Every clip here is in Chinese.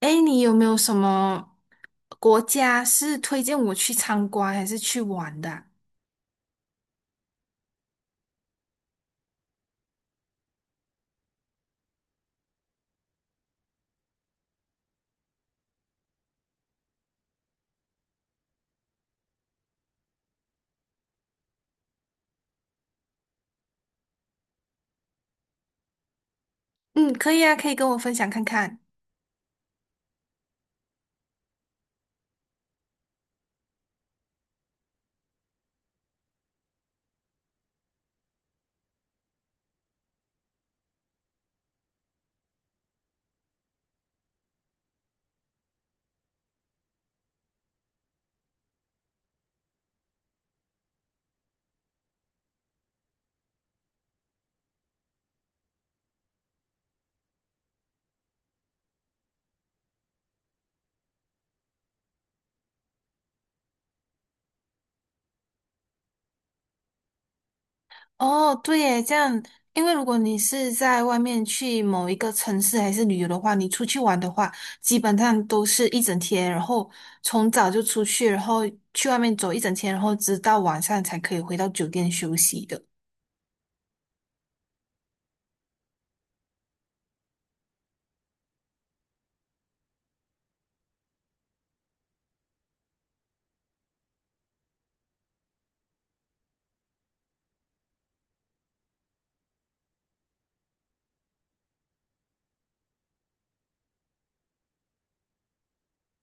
哎，你有没有什么国家是推荐我去参观还是去玩的啊？嗯，可以啊，可以跟我分享看看。哦，对耶，这样，因为如果你是在外面去某一个城市还是旅游的话，你出去玩的话，基本上都是一整天，然后从早就出去，然后去外面走一整天，然后直到晚上才可以回到酒店休息的。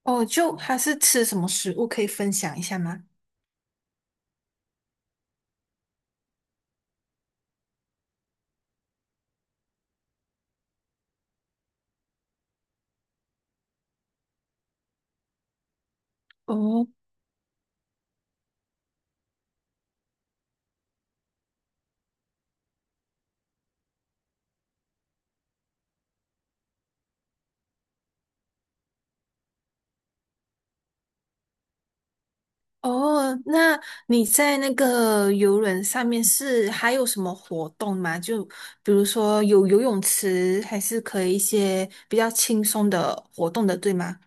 哦，就还是吃什么食物可以分享一下吗？哦。哦，那你在那个游轮上面是还有什么活动吗？就比如说有游泳池，还是可以一些比较轻松的活动的，对吗？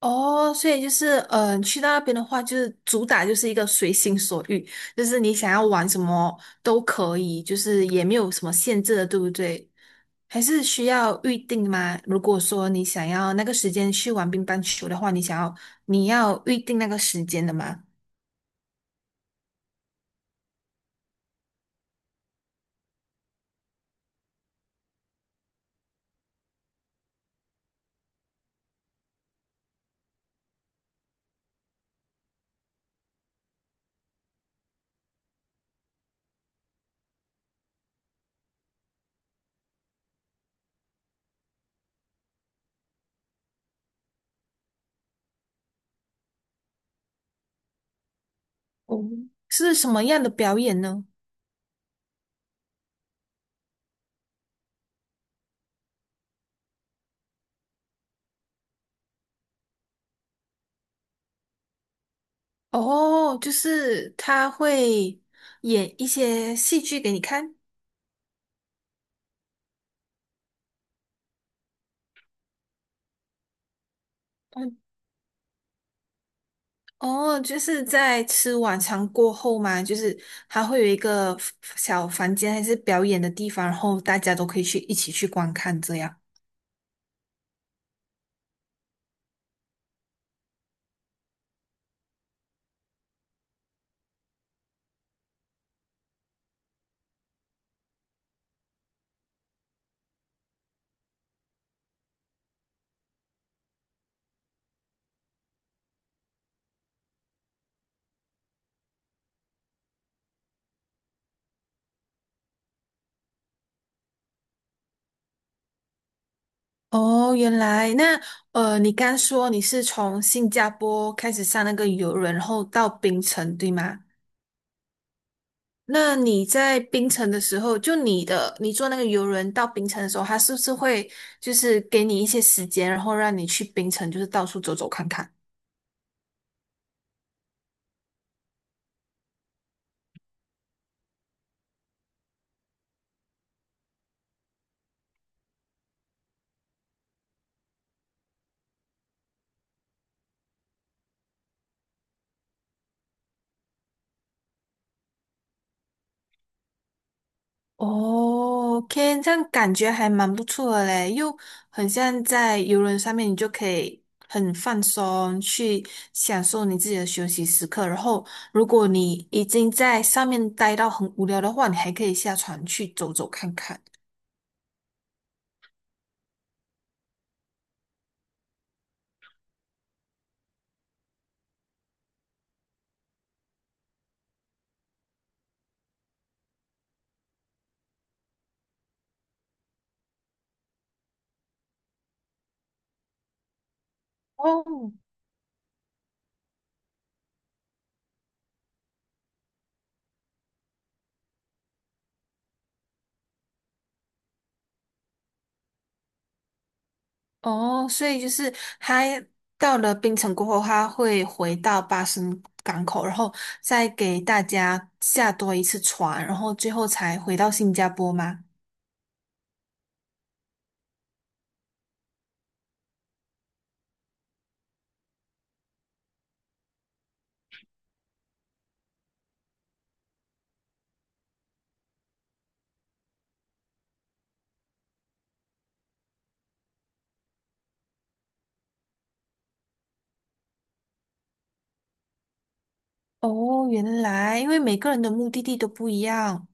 哦，所以就是，去到那边的话，就是主打就是一个随心所欲，就是你想要玩什么都可以，就是也没有什么限制的，对不对？还是需要预定吗？如果说你想要那个时间去玩乒乓球的话，你想要你要预定那个时间的吗？哦，是什么样的表演呢？哦，就是他会演一些戏剧给你看。嗯。哦，就是在吃晚餐过后嘛，就是他会有一个小房间还是表演的地方，然后大家都可以去一起去观看这样。哦，原来。那你刚说你是从新加坡开始上那个游轮，然后到槟城，对吗？那你在冰城的时候，就你坐那个游轮到冰城的时候，他是不是会就是给你一些时间，然后让你去冰城，就是到处走走看看？哦，OK，这样感觉还蛮不错的嘞，又很像在游轮上面，你就可以很放松，去享受你自己的休息时刻。然后，如果你已经在上面待到很无聊的话，你还可以下船去走走看看。哦。哦，所以就是他到了槟城过后，他会回到巴生港口，然后再给大家下多一次船，然后最后才回到新加坡吗？哦，原来因为每个人的目的地都不一样。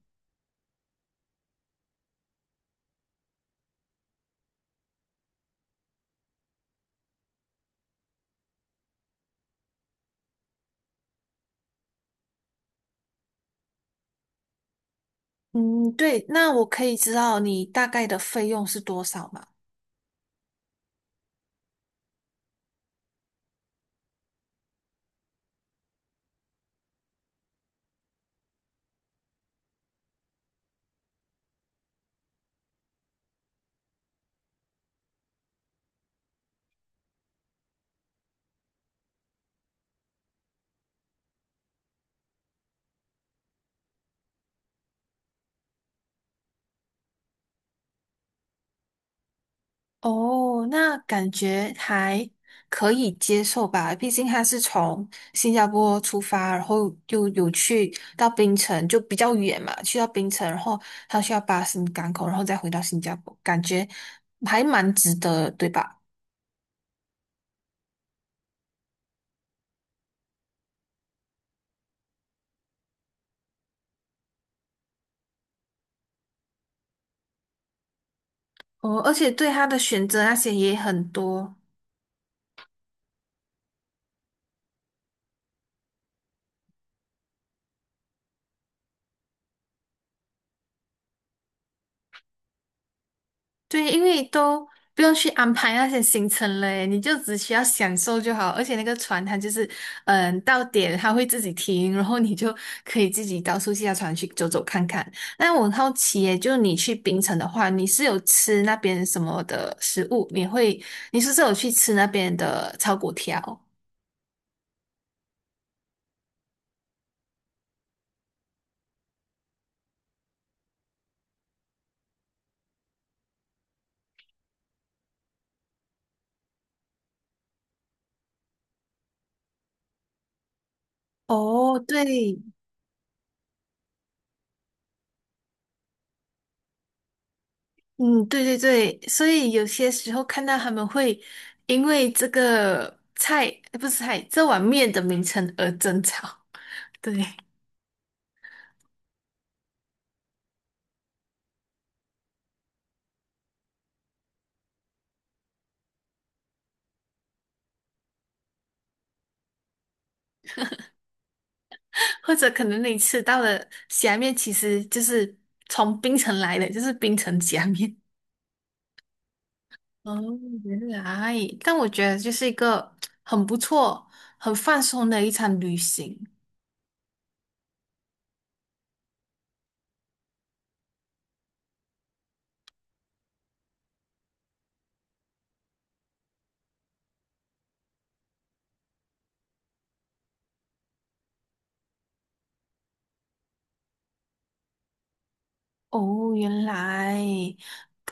嗯，对，那我可以知道你大概的费用是多少吗？哦，那感觉还可以接受吧，毕竟他是从新加坡出发，然后又有去到槟城，就比较远嘛，去到槟城，然后他需要巴士港口，然后再回到新加坡，感觉还蛮值得，对吧？哦，而且对他的选择那些也很多。对，因为都不用去安排那些行程了，诶你就只需要享受就好。而且那个船它就是，嗯，到点它会自己停，然后你就可以自己到处下船去走走看看。那我很好奇耶，就你去冰城的话，你是有吃那边什么的食物？你会，你是不是有去吃那边的炒粿条？哦，对。嗯，对对对，所以有些时候看到他们会因为这个菜，不是菜，这碗面的名称而争吵。对。或者可能你吃到的虾面其实就是从冰城来的，就是冰城虾面。哦，原来，但我觉得就是一个很不错、很放松的一场旅行。哦，原来，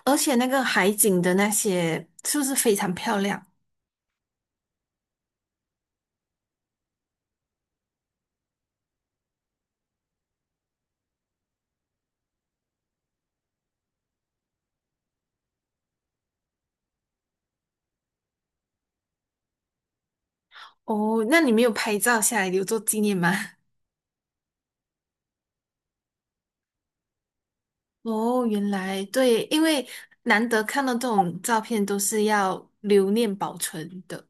而且那个海景的那些是不是非常漂亮？哦，那你没有拍照下来留作纪念吗？哦，原来对，因为难得看到这种照片，都是要留念保存的。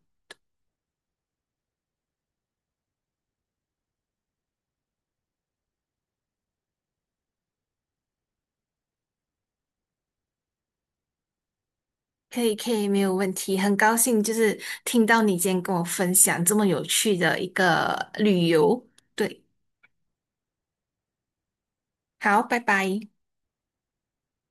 可以，可以，没有问题。很高兴就是听到你今天跟我分享这么有趣的一个旅游。对。好，拜拜。